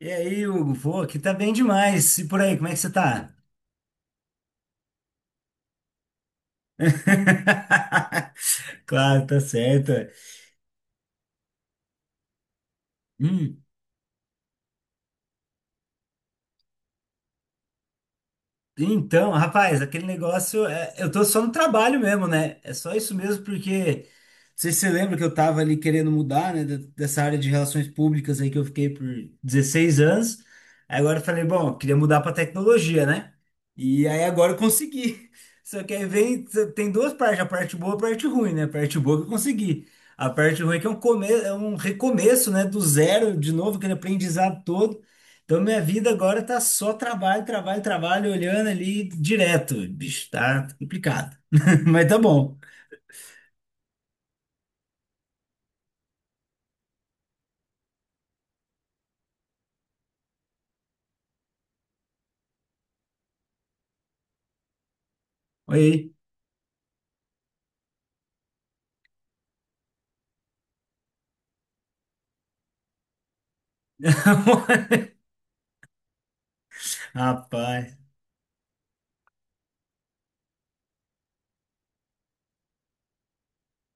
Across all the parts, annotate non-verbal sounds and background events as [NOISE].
E aí, Hugo? Pô, aqui tá bem demais. E por aí, como é que você tá? [LAUGHS] Claro, tá certo. Hum, Então, rapaz, aquele negócio, eu tô só no trabalho mesmo, né? É só isso mesmo, porque não sei se você lembra que eu tava ali querendo mudar, né, dessa área de relações públicas aí que eu fiquei por 16 anos. Aí agora eu falei, bom, eu queria mudar pra tecnologia, né? E aí agora eu consegui. [LAUGHS] Só que aí vem, tem duas partes, a parte boa e a parte ruim, né? A parte boa que eu consegui. A parte ruim é que é um recomeço, né, do zero, de novo, aquele aprendizado todo. Então, minha vida agora tá só trabalho, trabalho, trabalho, olhando ali direto. Bicho, tá complicado. [LAUGHS] Mas tá bom. Oi. [LAUGHS] Rapaz.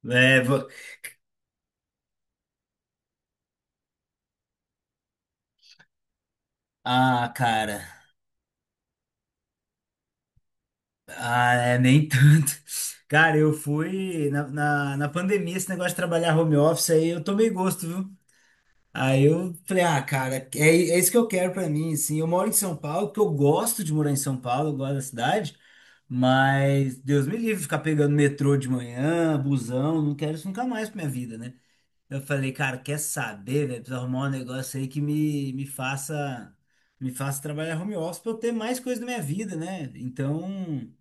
É, vo- Ah, cara. Ah, é, nem tanto. Cara, eu fui na pandemia, esse negócio de trabalhar home office aí, eu tomei gosto, viu? Aí eu falei, ah, cara, é isso que eu quero pra mim, assim. Eu moro em São Paulo, porque eu gosto de morar em São Paulo, eu gosto da cidade, mas Deus me livre de ficar pegando metrô de manhã, busão, não quero isso nunca mais pra minha vida, né? Eu falei, cara, quer saber, velho? Preciso arrumar um negócio aí que me faça trabalhar home office pra eu ter mais coisa da minha vida, né? Então,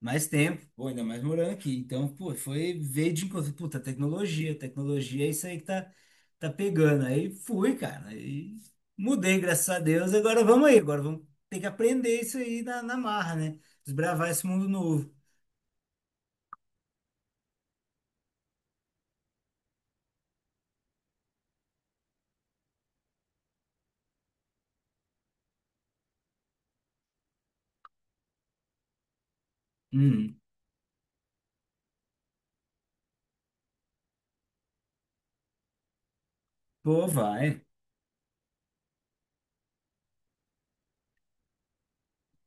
mais tempo, pô, ainda mais morando aqui. Então, pô, foi veio de encontro. Puta, tecnologia, tecnologia é isso aí que tá pegando. Aí fui, cara. Aí mudei, graças a Deus. Agora vamos aí, agora vamos ter que aprender isso aí na marra, né? Desbravar esse mundo novo. Hum, Pô, vai.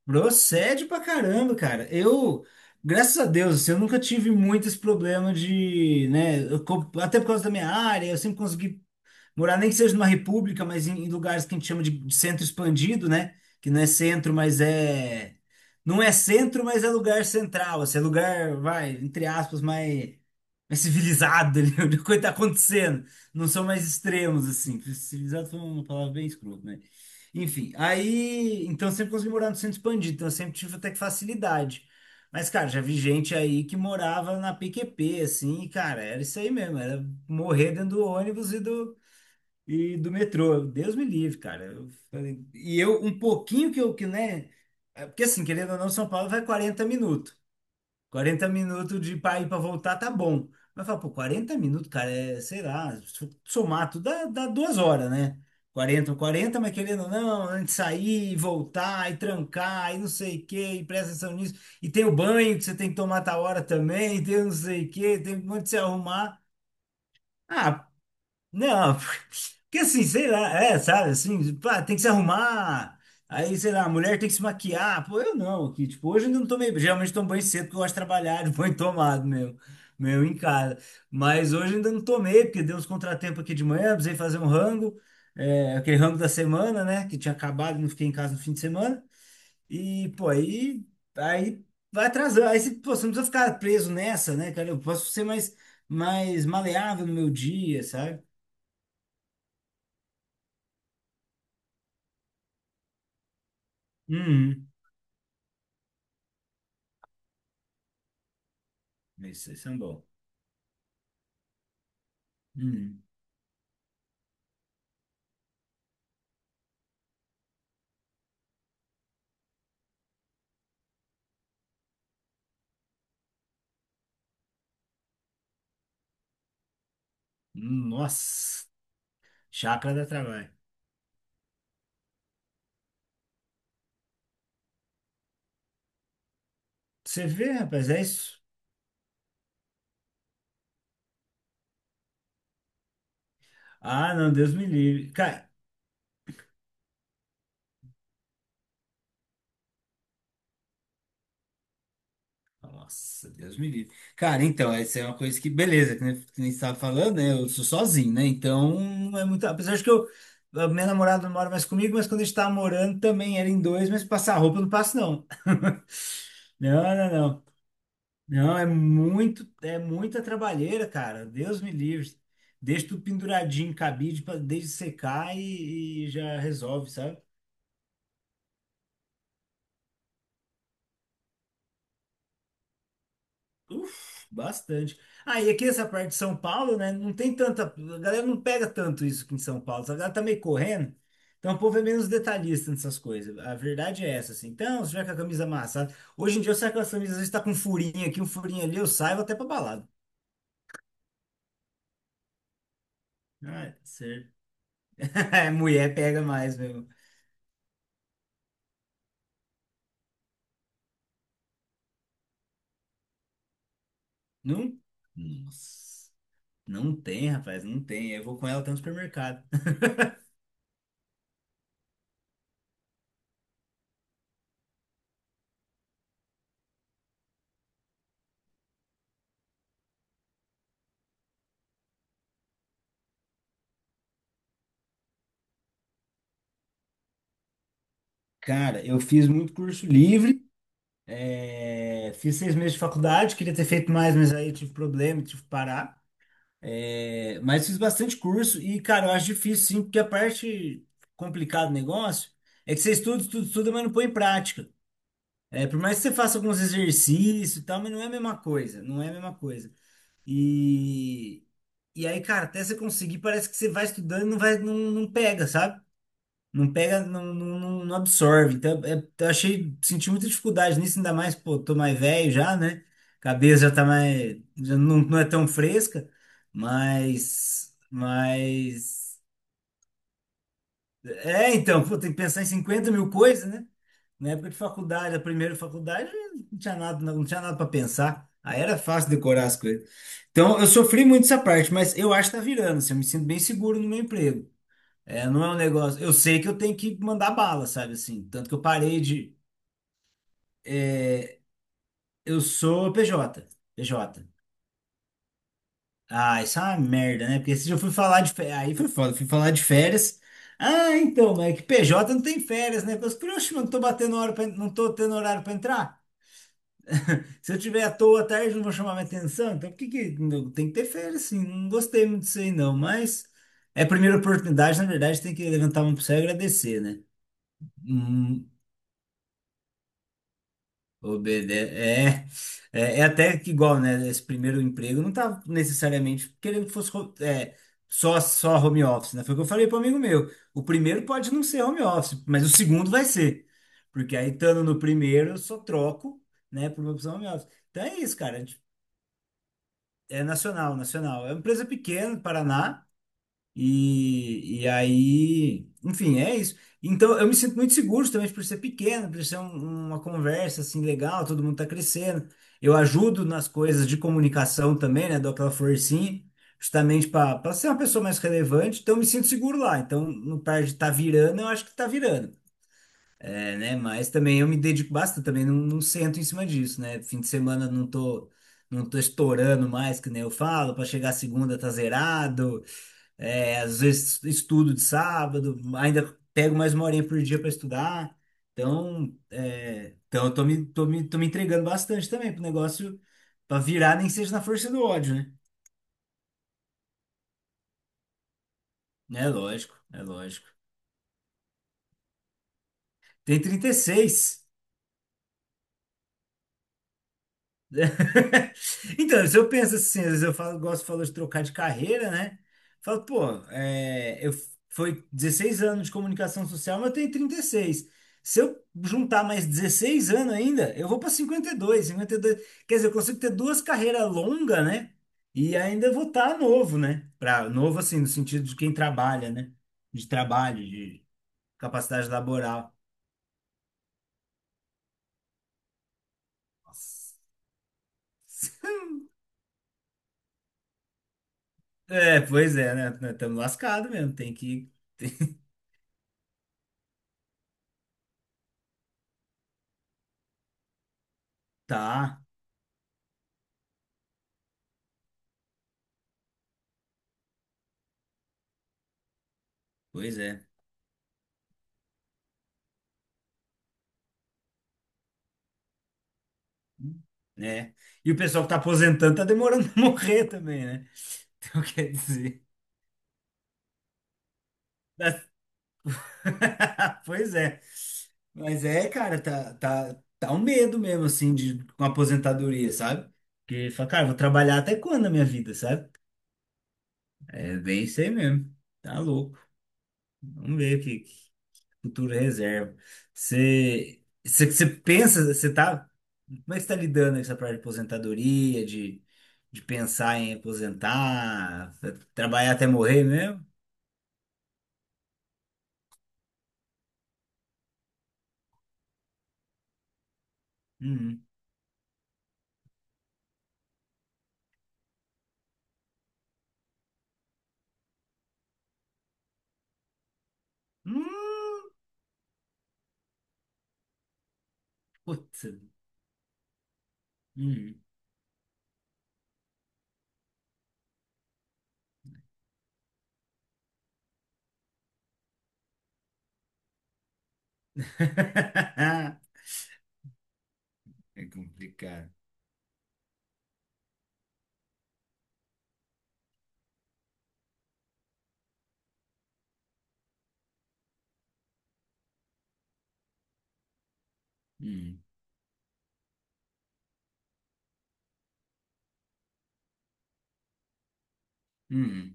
Procede pra caramba, cara. Eu, graças a Deus, assim, eu nunca tive muito esse problema de, né? Até por causa da minha área, eu sempre consegui morar nem que seja numa república, mas em lugares que a gente chama de centro expandido, né? Que não é centro, mas é. Não é centro, mas é lugar central, assim, é lugar, vai, entre aspas, mais civilizado, ali, [LAUGHS] onde a coisa tá acontecendo. Não são mais extremos, assim. Civilizado foi uma palavra bem escrota, né? Enfim, aí. Então eu sempre consegui morar no centro expandido, então eu sempre tive até que facilidade. Mas, cara, já vi gente aí que morava na PQP, assim, e, cara, era isso aí mesmo, era morrer dentro do ônibus e do metrô, Deus me livre, cara. E eu, um pouquinho que eu, que, né? Porque assim, querendo ou não, São Paulo vai 40 minutos. 40 minutos de pra ir pra voltar tá bom. Mas fala, pô, 40 minutos, cara, é, sei lá, se eu somar tudo dá 2 horas, né? Quarenta mas querendo ou não, antes de sair, e voltar, e trancar, e não sei o quê, e presta atenção nisso. E tem o banho que você tem que tomar tal hora também, e tem não sei o quê, tem um monte de se arrumar. Ah, não. [LAUGHS] Porque assim, sei lá, é, sabe, assim, pá, tem que se arrumar. Aí, sei lá, a mulher tem que se maquiar. Pô, eu não, que tipo, hoje eu ainda não tomei, geralmente tomo banho cedo porque eu gosto de trabalhar [LAUGHS] de banho tomado meu em casa. Mas hoje eu ainda não tomei, porque deu uns contratempos aqui de manhã, precisei fazer um rango, aquele rango da semana, né, que tinha acabado, não fiquei em casa no fim de semana. E, pô, aí vai atrasando. Aí, você, pô, você não precisa ficar preso nessa, né, cara? Eu posso ser mais maleável no meu dia, sabe? Uhum. Isso é um bom. Uhum. Nossa, chácara dá trabalho. Você vê, rapaz, é isso. Ah, não, Deus me livre. Cara, nossa, Deus me livre. Cara, então, essa é uma coisa que, beleza, que nem você estava falando, né? Eu sou sozinho, né? Então, não é muito. Apesar de que a minha namorada não mora mais comigo, mas quando a gente estava morando também era em dois, mas passar roupa eu não passo, não. [LAUGHS] Não, não, não, é muita trabalheira, cara. Deus me livre. Deixa tudo penduradinho em cabide para desde secar e já resolve, sabe? Uf, bastante. Ah, e aqui essa parte de São Paulo, né? Não tem tanta. A galera não pega tanto isso aqui em São Paulo. A galera tá meio correndo. Então o povo é menos detalhista nessas coisas. A verdade é essa, assim. Então, se tiver com a camisa amassada. Hoje em dia eu saio com as camisas, às vezes tá com um furinho aqui, um furinho ali, eu saio vou até pra balada. Ah, é certo. [LAUGHS] É, mulher pega mais, meu. Não? Nossa, não tem, rapaz, não tem. Eu vou com ela até no supermercado. [LAUGHS] Cara, eu fiz muito curso livre, fiz 6 meses de faculdade, queria ter feito mais, mas aí tive problema, tive que parar. É, mas fiz bastante curso e, cara, eu acho difícil sim, porque a parte complicada do negócio é que você estuda, estuda, estuda, mas não põe em prática. É, por mais que você faça alguns exercícios e tal, mas não é a mesma coisa, não é a mesma coisa. E, e aí, cara, até você conseguir, parece que você vai estudando e não vai, não, não pega, sabe? Não pega, não, não, não não absorve. Então, eu achei, senti muita dificuldade nisso, ainda mais, pô, tô mais velho já, né? Cabeça já tá mais, já não, não é tão fresca, mas então, pô, tem que pensar em 50 mil coisas, né? Na época de faculdade, a primeira faculdade, não tinha nada, não tinha nada para pensar. Aí era fácil decorar as coisas. Então, eu sofri muito essa parte, mas eu acho que tá virando, assim, eu me sinto bem seguro no meu emprego. É, não é um negócio. Eu sei que eu tenho que mandar bala, sabe assim? Tanto que eu parei de. é, eu sou PJ, PJ. Ah, isso é uma merda, né? Porque se eu fui falar de férias, aí foi foda, fui falar de férias. Ah, então, mas é que PJ não tem férias, né? Eu falei, oxe, mas não tô batendo hora pra, não tô tendo horário pra entrar. Se eu tiver à toa à tarde, não vou chamar minha atenção. Então, por que que tem que ter férias, sim? Não gostei muito disso aí, não. Mas é a primeira oportunidade, na verdade, tem que levantar a mão pro céu e agradecer, né? Hum, Obede É até que igual, né? Esse primeiro emprego não tava necessariamente querendo que fosse só home office, né? Foi o que eu falei para um amigo meu. O primeiro pode não ser home office, mas o segundo vai ser. Porque aí, estando no primeiro, eu só troco, né, por uma opção home office. Então é isso, cara. É nacional, nacional. É uma empresa pequena, Paraná. E aí, enfim, é isso. Então, eu me sinto muito seguro também por ser pequeno, por ser uma conversa assim legal, todo mundo tá crescendo. Eu ajudo nas coisas de comunicação também, né? Dou aquela forcinha, justamente para ser uma pessoa mais relevante. Então, eu me sinto seguro lá. Então, no par de tá virando, eu acho que tá virando. É, né? Mas também eu me dedico bastante, também não sento em cima disso, né? Fim de semana eu não tô estourando mais, que nem eu falo, para chegar segunda tá zerado. É, às vezes estudo de sábado, ainda pego mais uma horinha por dia para estudar. Então, então eu tô me entregando bastante também pro negócio para virar, nem que seja na força do ódio, né? É lógico, é lógico. Tem 36. [LAUGHS] Então, se eu penso assim, às vezes eu falo de trocar de carreira, né? Falo, pô, foi 16 anos de comunicação social, mas eu tenho 36. Se eu juntar mais 16 anos ainda, eu vou para 52, dois quer dizer, eu consigo ter duas carreiras longas, né? E ainda vou estar novo, né? Novo, assim, no sentido de quem trabalha, né? De trabalho, de capacidade laboral. Nossa. [LAUGHS] É, pois é, né? Estamos lascados mesmo, tem que. Tá, pois é. Né? E o pessoal que tá aposentando tá demorando [LAUGHS] a morrer também, né? Então quer dizer. [LAUGHS] Pois é. Mas é, cara, tá um medo mesmo, assim, de com a aposentadoria, sabe? Porque fala, cara, vou trabalhar até quando na minha vida, sabe? É bem isso aí mesmo. Tá louco. Vamos ver o que, futuro reserva. Você pensa, como é que você tá lidando com essa parte de aposentadoria, de pensar em aposentar, trabalhar até morrer mesmo? Uhum. Hum, Putz. Uhum. [LAUGHS] É complicado. Uhum. Uhum.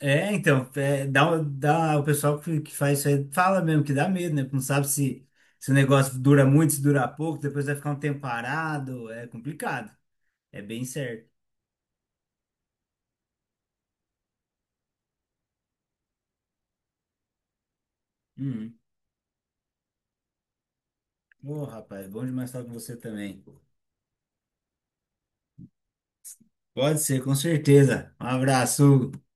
É, então, o pessoal que faz isso aí fala mesmo que dá medo, né? Porque não sabe se o negócio dura muito, se dura pouco, depois vai ficar um tempo parado, é complicado. É bem certo. Uhum. Ô, rapaz, bom demais falar com você também. Pode ser, com certeza. Um abraço, Hugo.